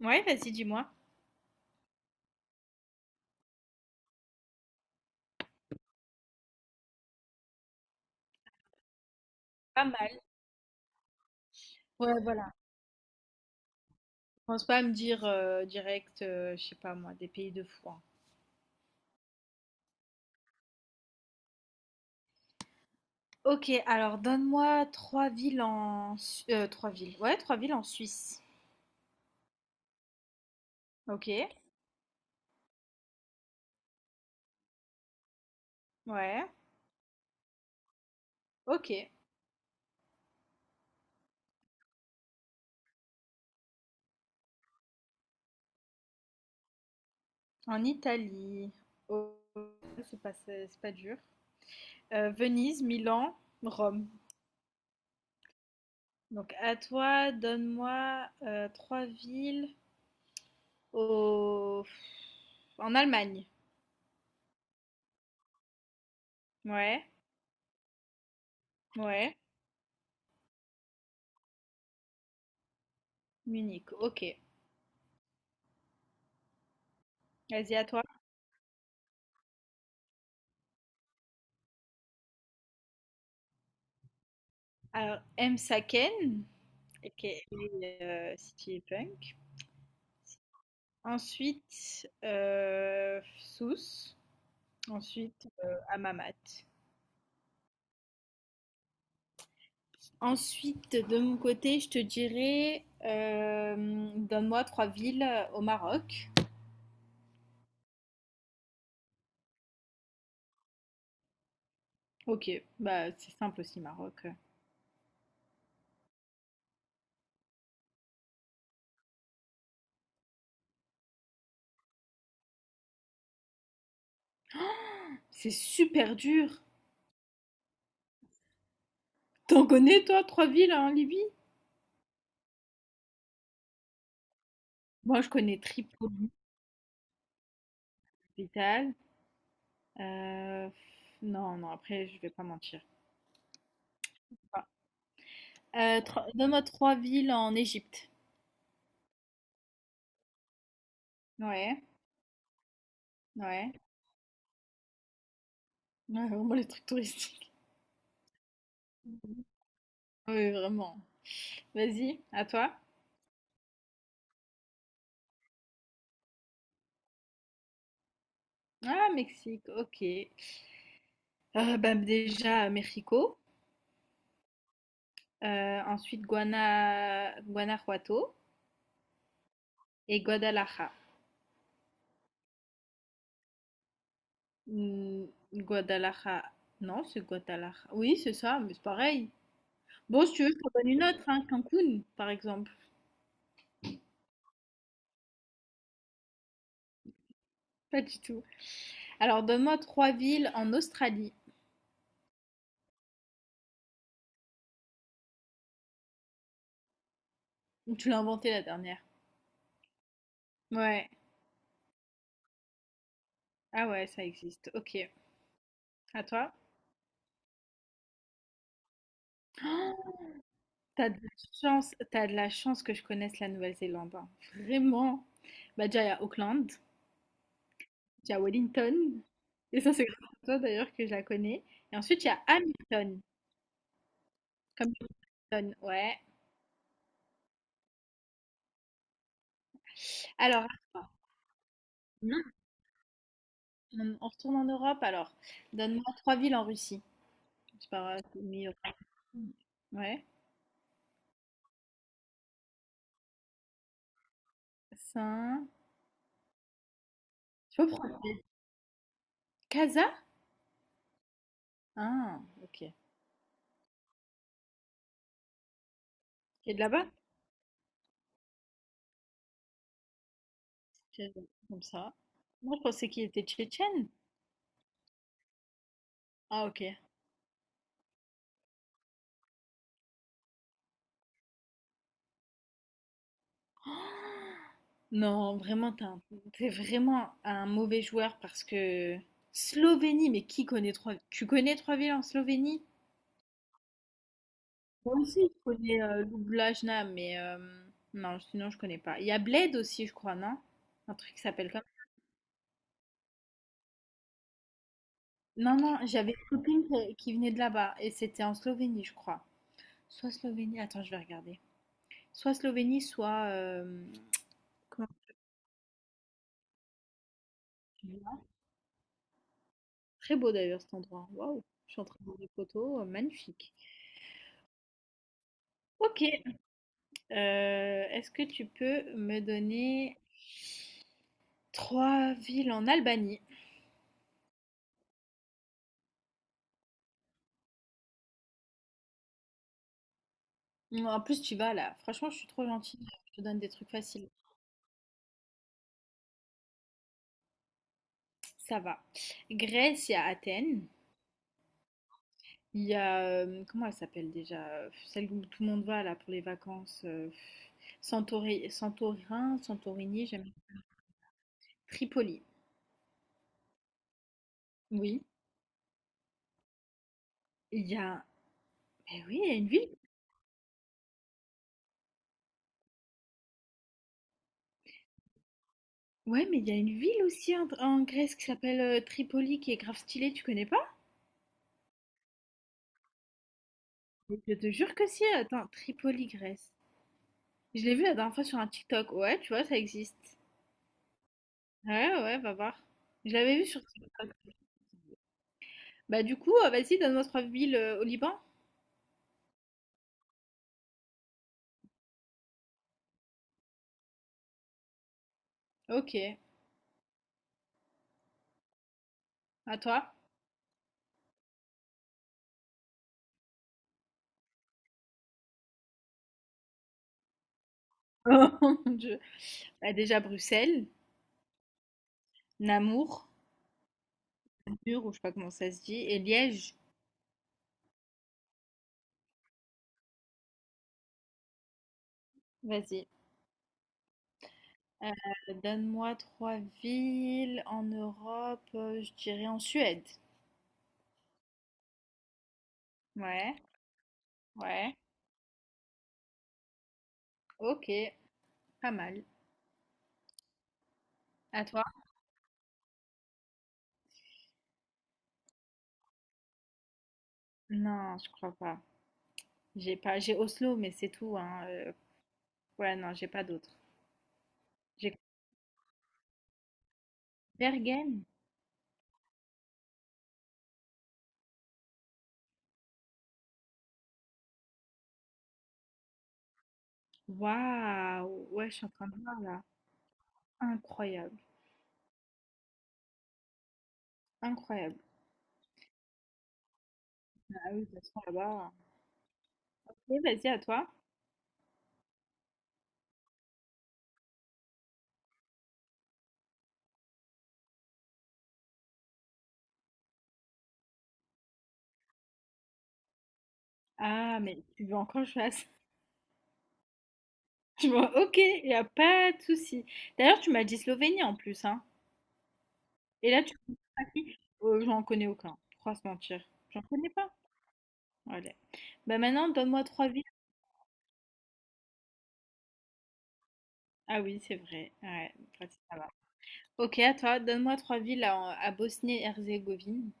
Ouais, vas-y, dis-moi. Pas mal. Ouais, voilà. Pense pas à me dire direct, je sais pas moi, des pays de fou, hein. Ok, alors donne-moi trois villes en... trois villes. Ouais, trois villes en Suisse. Ok, ouais, ok. En Italie. Oh, c'est pas dur. Venise, Milan, Rome. Donc à toi, donne-moi trois villes au... en Allemagne. Ouais, ouais. Munich, ok. Vas-y, à toi. Alors, M. Saken, aka, City Punk. Ensuite, Sous. Ensuite, Amamat. Ensuite, de mon côté, je te dirais donne-moi trois villes au Maroc. Ok, bah c'est simple aussi, Maroc. C'est super dur. T'en connais, toi, trois villes en Libye? Moi, je connais Tripoli, capitale. Euh, non, non, après, je vais pas mentir. Enfin, donne-moi trois villes en Égypte. Ouais, ouais. Ouais, vraiment les trucs touristiques. Ah oui, vraiment. Vas-y, à toi. Ah, Mexique, ok. Bah, déjà, Mexico. Ensuite, Guanajuato et Guadalajara. Hmm, Guadalajara. Non, c'est Guadalajara. Oui, c'est ça, mais c'est pareil. Bon, si tu veux, je t'en donne une autre, hein, Cancun, par exemple. Pas du tout. Alors, donne-moi trois villes en Australie. Tu l'as inventé la dernière. Ouais. Ah ouais, ça existe. Ok. À toi. Oh t'as de la chance, tu de la chance que je connaisse la Nouvelle-Zélande, hein. Vraiment. Bah déjà, il y a Auckland, il y a Wellington. Et ça, c'est grâce à toi d'ailleurs que je la connais. Et ensuite, il y a Hamilton. Comme Hamilton, ouais. Alors, attends. Non, on retourne en Europe alors. Donne-moi trois villes en Russie. Je parle meilleur. Ouais. Saint. Je peux prendre Kaza? Ah, ok. Qui est de là-bas? Tchétchène, comme ça. Moi, je pensais qu'il était tchétchène. Ah, ok. Non, vraiment, t'es vraiment un mauvais joueur parce que Slovénie, mais qui connaît trois... Tu connais trois villes en Slovénie? Moi aussi, je connais Ljubljana, mais non, sinon je connais pas. Il y a Bled aussi, je crois, non? Un truc qui s'appelle comme... Non, non, j'avais une copine qui venait de là-bas et c'était en Slovénie, je crois. Soit Slovénie, attends, je vais regarder. Soit Slovénie, soit... comment tu dis là. Très beau d'ailleurs cet endroit. Waouh, je suis en train de voir des photos, magnifique. Ok, est-ce que tu peux me donner trois villes en Albanie? Bon, en plus, tu vas là. Franchement, je suis trop gentille. Je te donne des trucs faciles. Ça va. Grèce, il y a Athènes. Il y a comment elle s'appelle déjà? Celle où tout le monde va là pour les vacances. Santorin, Santorini, j'aime. Tripoli. Oui. Il y a. Mais oui, il y a une ville. Ouais, mais il y a une ville aussi en, en Grèce qui s'appelle Tripoli, qui est grave stylée, tu connais pas? Mais je te jure que si. Attends, Tripoli, Grèce. Je l'ai vu la dernière fois sur un TikTok. Ouais, tu vois, ça existe. Ouais, ouais, ouais, va voir. Je l'avais vu sur TikTok. Bah du coup, vas-y, donne-moi trois villes au Liban. Ok, à toi. Oh mon Dieu. Bah, déjà Bruxelles, Namour, Namur, ou je sais pas comment ça se dit, et Liège. Vas-y. Donne-moi trois villes en Europe, je dirais en Suède. Ouais, ouais. Ok, pas mal. À toi? Non, je crois pas. J'ai Oslo, mais c'est tout, hein. Ouais, non, j'ai pas d'autres. J'ai Bergen. Waouh! Ouais, je suis en train de voir là. Incroyable. Incroyable. Ah oui, de toute façon, là-bas. Ok, vas-y, à toi. Ah, mais tu veux encore que je fasse? Tu vois, ok, il a pas de souci. D'ailleurs, tu m'as dit Slovénie en plus, hein. Et là, tu connais pas qui? J'en connais aucun. Trois se mentir. J'en connais pas. Allez. Bah maintenant, donne-moi trois villes. Ah oui, c'est vrai. Ouais, pratique, ça va. Ok, à toi, donne-moi trois villes à Bosnie-Herzégovine.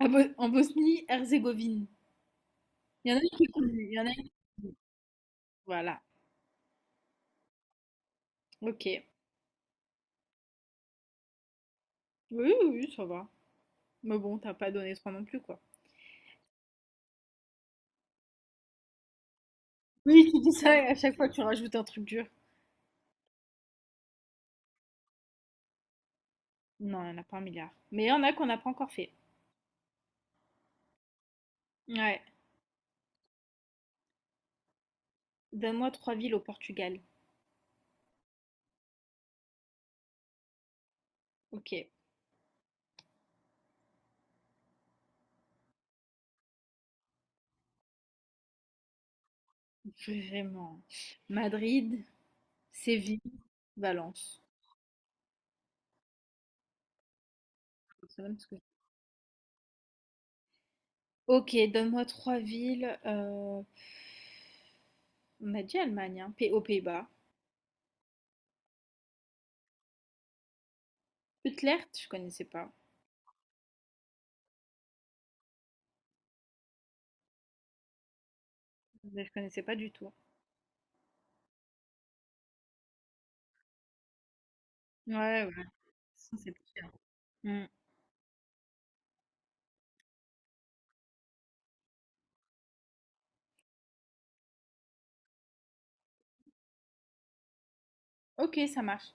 En Bosnie-Herzégovine. Il y en a une qui est connue, il y en a une- Voilà, ok. Oui, oui, oui, ça va. Mais bon, t'as pas donné trois non plus, quoi. Oui, tu dis ça et à chaque fois tu rajoutes un truc dur. Non, il n'y en a pas un milliard. Mais il y en a qu'on n'a pas encore fait. Ouais. Donne-moi trois villes au Portugal. Ok. Vraiment. Madrid, Séville, Valence. C'est même ce que- Ok, donne-moi trois villes. On a dit Allemagne, hein, aux Pays-Bas. Utrecht, je connaissais pas. Je connaissais pas du tout. Ouais, ouais. Ça, c'est pire. Ok, ça marche.